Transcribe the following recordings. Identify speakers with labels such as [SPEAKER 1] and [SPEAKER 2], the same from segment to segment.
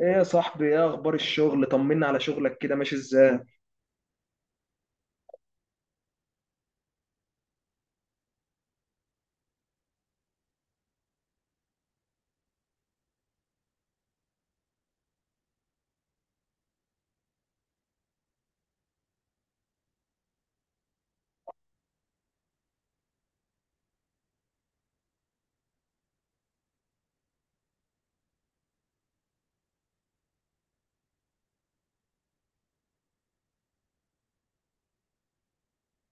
[SPEAKER 1] ايه يا صاحبي، ايه اخبار الشغل؟ طمنا على شغلك، كده ماشي ازاي؟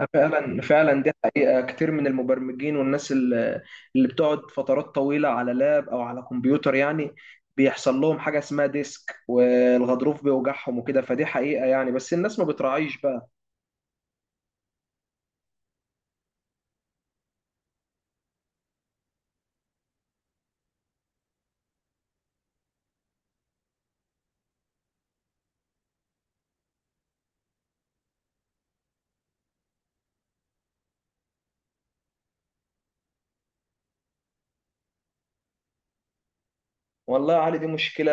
[SPEAKER 1] أنا فعلا دي حقيقة. كتير من المبرمجين والناس اللي بتقعد فترات طويلة على لاب او على كمبيوتر، يعني بيحصل لهم حاجة اسمها ديسك، والغضروف بيوجعهم وكده. فدي حقيقة يعني، بس الناس ما بتراعيش بقى. والله يا علي دي مشكلة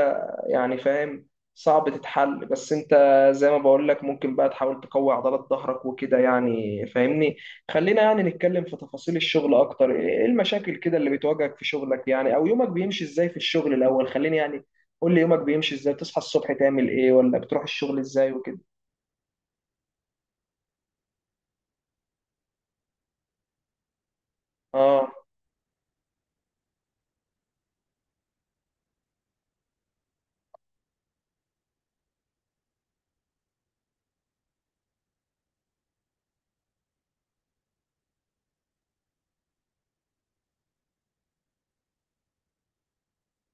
[SPEAKER 1] يعني، فاهم؟ صعب تتحل، بس انت زي ما بقول لك ممكن بقى تحاول تقوي عضلات ظهرك وكده، يعني فاهمني؟ خلينا يعني نتكلم في تفاصيل الشغل اكتر. ايه المشاكل كده اللي بتواجهك في شغلك يعني، او يومك بيمشي ازاي في الشغل؟ الاول خليني يعني قول لي يومك بيمشي ازاي، تصحى الصبح تعمل ايه، ولا بتروح الشغل ازاي وكده. اه،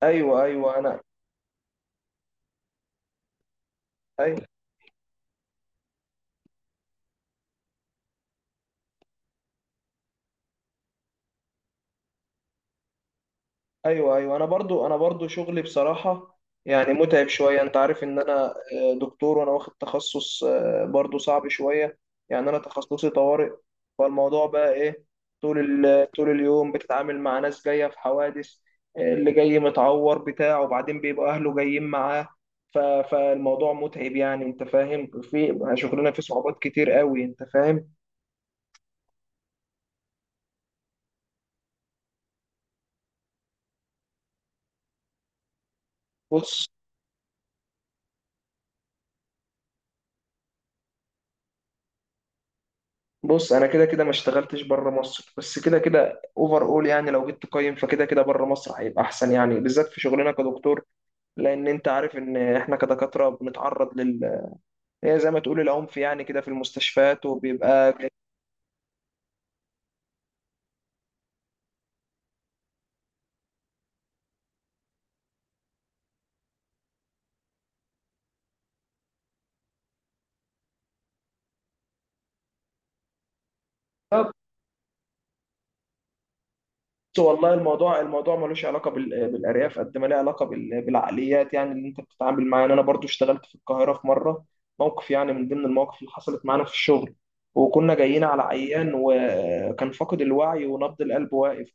[SPEAKER 1] ايوه ايوه، انا ايوه ايوه ايوه، انا برضو، انا برضو شغلي بصراحه، يعني متعب شويه. انت عارف ان انا دكتور وانا واخد تخصص، برضو صعب شويه يعني. انا تخصصي طوارئ. فالموضوع بقى ايه، طول اليوم بتتعامل مع ناس جايه في حوادث، اللي جاي متعور بتاع، وبعدين بيبقى اهله جايين معاه. فالموضوع متعب يعني، انت فاهم. في شغلنا فيه صعوبات كتير قوي، انت فاهم؟ بص، بص انا كده كده ما اشتغلتش بره مصر، بس كده كده اوفر اول. يعني لو جيت تقيم، فكده كده بره مصر هيبقى احسن يعني، بالذات في شغلنا كدكتور. لان انت عارف ان احنا كدكاتره بنتعرض لل، هي زي ما تقول العنف يعني كده، في المستشفيات وبيبقى. بص والله الموضوع، الموضوع ملوش علاقه بالارياف قد ما له علاقه بالعقليات، يعني اللي انت بتتعامل معاه يعني. انا برضو اشتغلت في القاهره، في مره موقف يعني من ضمن المواقف اللي حصلت معانا في الشغل، وكنا جايين على عيان وكان فاقد الوعي ونبض القلب واقف.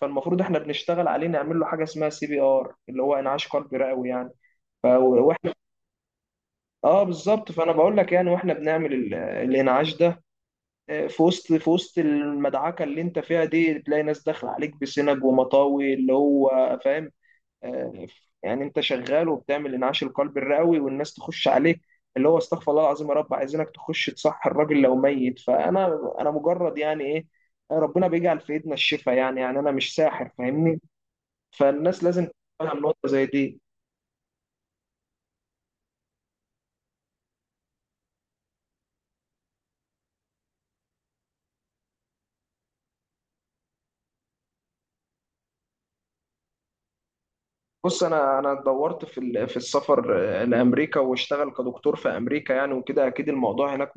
[SPEAKER 1] فالمفروض احنا بنشتغل عليه، نعمل له حاجه اسمها سي بي ار، اللي هو انعاش قلبي رئوي يعني. واحنا اه بالظبط. فانا بقول لك يعني، واحنا بنعمل الانعاش ده، في وسط المدعكه اللي انت فيها دي، تلاقي ناس داخله عليك بسنج ومطاوي اللي هو، فاهم؟ آه، يعني انت شغال وبتعمل انعاش القلب الرئوي والناس تخش عليك اللي هو استغفر الله العظيم، يا رب! عايزينك تخش تصح الراجل لو ميت. فانا مجرد يعني ايه، ربنا بيجعل في ايدنا الشفاء يعني انا مش ساحر، فاهمني؟ فالناس لازم تفهم نقطه زي دي. بص، انا دورت في السفر لامريكا واشتغل كدكتور في امريكا يعني وكده، اكيد الموضوع هناك.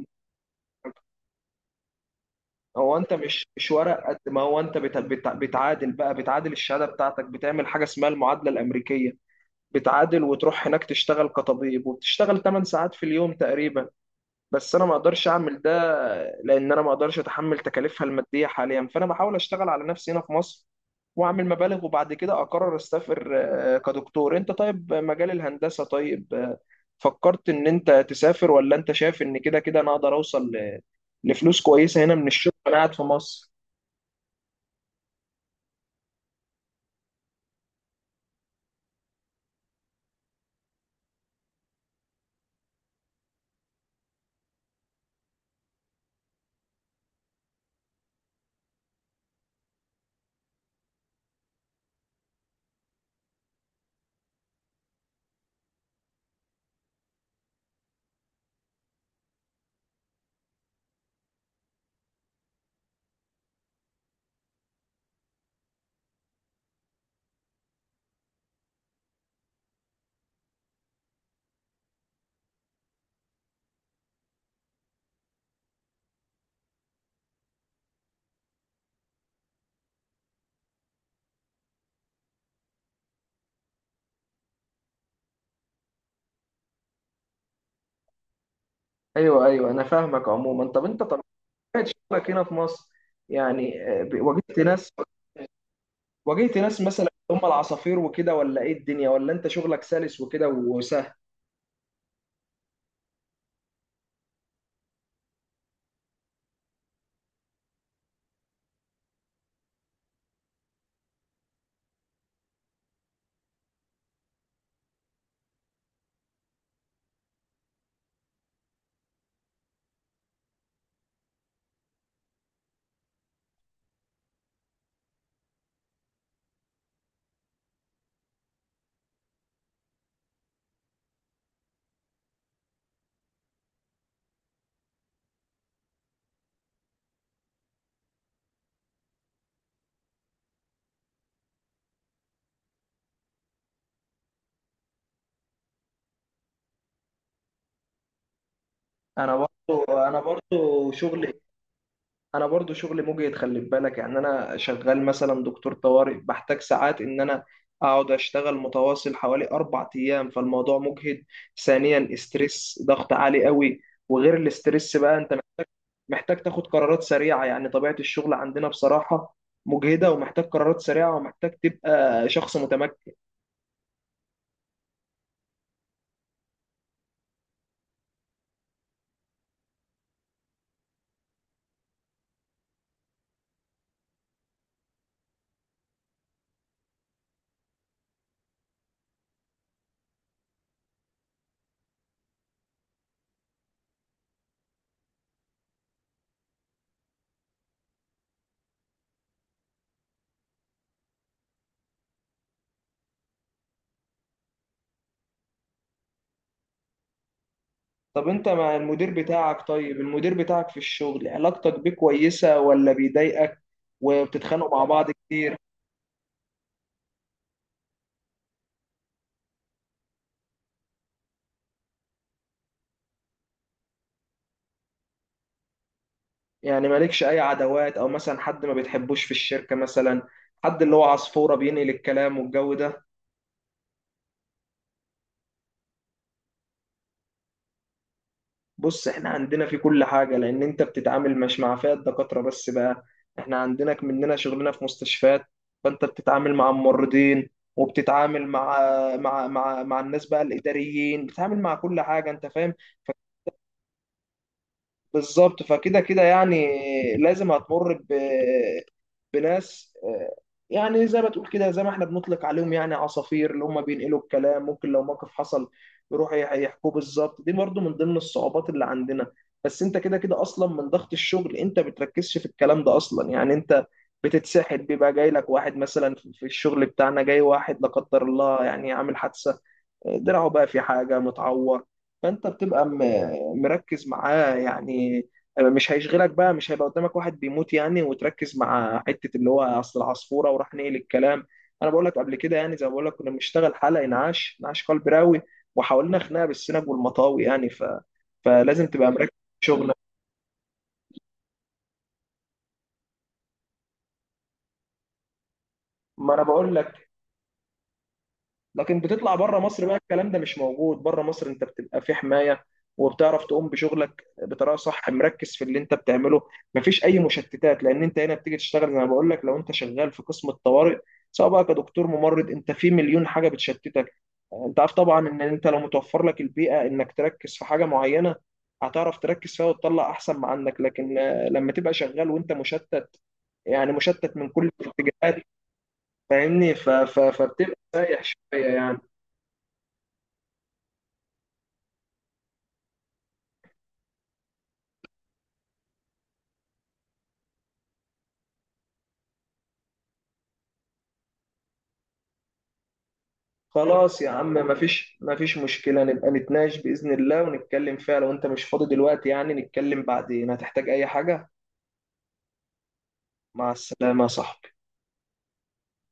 [SPEAKER 1] هو انت مش ورق قد ما هو انت بتعادل بقى، بتعادل الشهاده بتاعتك، بتعمل حاجه اسمها المعادله الامريكيه. بتعادل وتروح هناك تشتغل كطبيب، وبتشتغل 8 ساعات في اليوم تقريبا. بس انا ما اقدرش اعمل ده، لان انا ما اقدرش اتحمل تكاليفها الماديه حاليا. فانا بحاول اشتغل على نفسي هنا في مصر واعمل مبالغ، وبعد كده اقرر اسافر. كدكتور انت طيب، مجال الهندسه طيب، فكرت ان انت تسافر؟ ولا انت شايف ان كده كده انا اقدر اوصل لفلوس كويسه هنا من الشغل وانا قاعد في مصر؟ ايوه ايوه، انا فاهمك عموما. طب انت طبيعه شغلك هنا في مصر، يعني واجهت ناس، واجهت ناس مثلا هم العصافير وكده، ولا ايه الدنيا، ولا انت شغلك سلس وكده وسهل؟ انا برضو شغلي، انا برضو شغلي مجهد، خلي بالك. يعني انا شغال مثلا دكتور طوارئ، بحتاج ساعات ان انا اقعد اشتغل متواصل حوالي اربع ايام، فالموضوع مجهد. ثانيا استرس، ضغط عالي قوي. وغير الاسترس بقى انت محتاج تاخد قرارات سريعة. يعني طبيعة الشغل عندنا بصراحة مجهدة، ومحتاج قرارات سريعة، ومحتاج تبقى شخص متمكن. طب انت مع المدير بتاعك، طيب المدير بتاعك في الشغل علاقتك بيه كويسة ولا بيضايقك، وبتتخانقوا مع بعض كتير؟ يعني مالكش اي عداوات، او مثلا حد ما بتحبوش في الشركة، مثلا حد اللي هو عصفورة بينقل الكلام والجو ده؟ بص احنا عندنا في كل حاجة، لأن أنت بتتعامل مش مع فئة دكاترة بس بقى. احنا عندنا مننا شغلنا في مستشفيات، فأنت بتتعامل مع الممرضين، وبتتعامل مع، مع الناس بقى، الإداريين، بتتعامل مع كل حاجة، أنت فاهم؟ بالظبط. فكده كده يعني لازم هتمر بناس، يعني زي ما تقول كده، زي ما احنا بنطلق عليهم يعني عصافير، اللي هم بينقلوا الكلام. ممكن لو موقف حصل يروحوا يحكوه بالظبط. دي برضو من ضمن الصعوبات اللي عندنا. بس انت كده كده اصلا من ضغط الشغل انت بتركزش في الكلام ده اصلا. يعني انت بتتسحل، بيبقى جاي لك واحد مثلا في الشغل بتاعنا، جاي واحد لا قدر الله يعني عامل حادثة، دراعه بقى في حاجة متعور، فأنت بتبقى مركز معاه يعني. مش هيشغلك بقى، مش هيبقى قدامك واحد بيموت يعني وتركز مع حتة اللي هو أصل العصفورة وراح نقل الكلام. أنا بقول لك قبل كده يعني، زي ما بقول لك كنا بنشتغل حلقة إنعاش، إنعاش قلب راوي، وحاولنا خناقة بالسنج والمطاوي يعني. فلازم تبقى مركز في شغلك. ما أنا بقول لك، لكن بتطلع بره مصر بقى، الكلام ده مش موجود بره مصر، انت بتبقى في حماية، وبتعرف تقوم بشغلك بطريقة صح، مركز في اللي انت بتعمله، مفيش اي مشتتات. لان انت هنا بتيجي تشتغل زي ما بقول لك، لو انت شغال في قسم الطوارئ، سواء بقى كدكتور ممرض، انت في مليون حاجة بتشتتك. انت عارف طبعا ان انت لو متوفر لك البيئة انك تركز في حاجة معينة، هتعرف تركز فيها وتطلع احسن ما عندك. لكن لما تبقى شغال وانت مشتت، يعني مشتت من كل الاتجاهات، فاهمني؟ فبتبقى سايح شوية يعني. خلاص يا عم، مفيش مشكلة. نبقى نتناقش بإذن الله ونتكلم فيها. لو أنت مش فاضي دلوقتي يعني نتكلم بعدين. هتحتاج أي حاجة؟ مع السلامة يا صاحبي.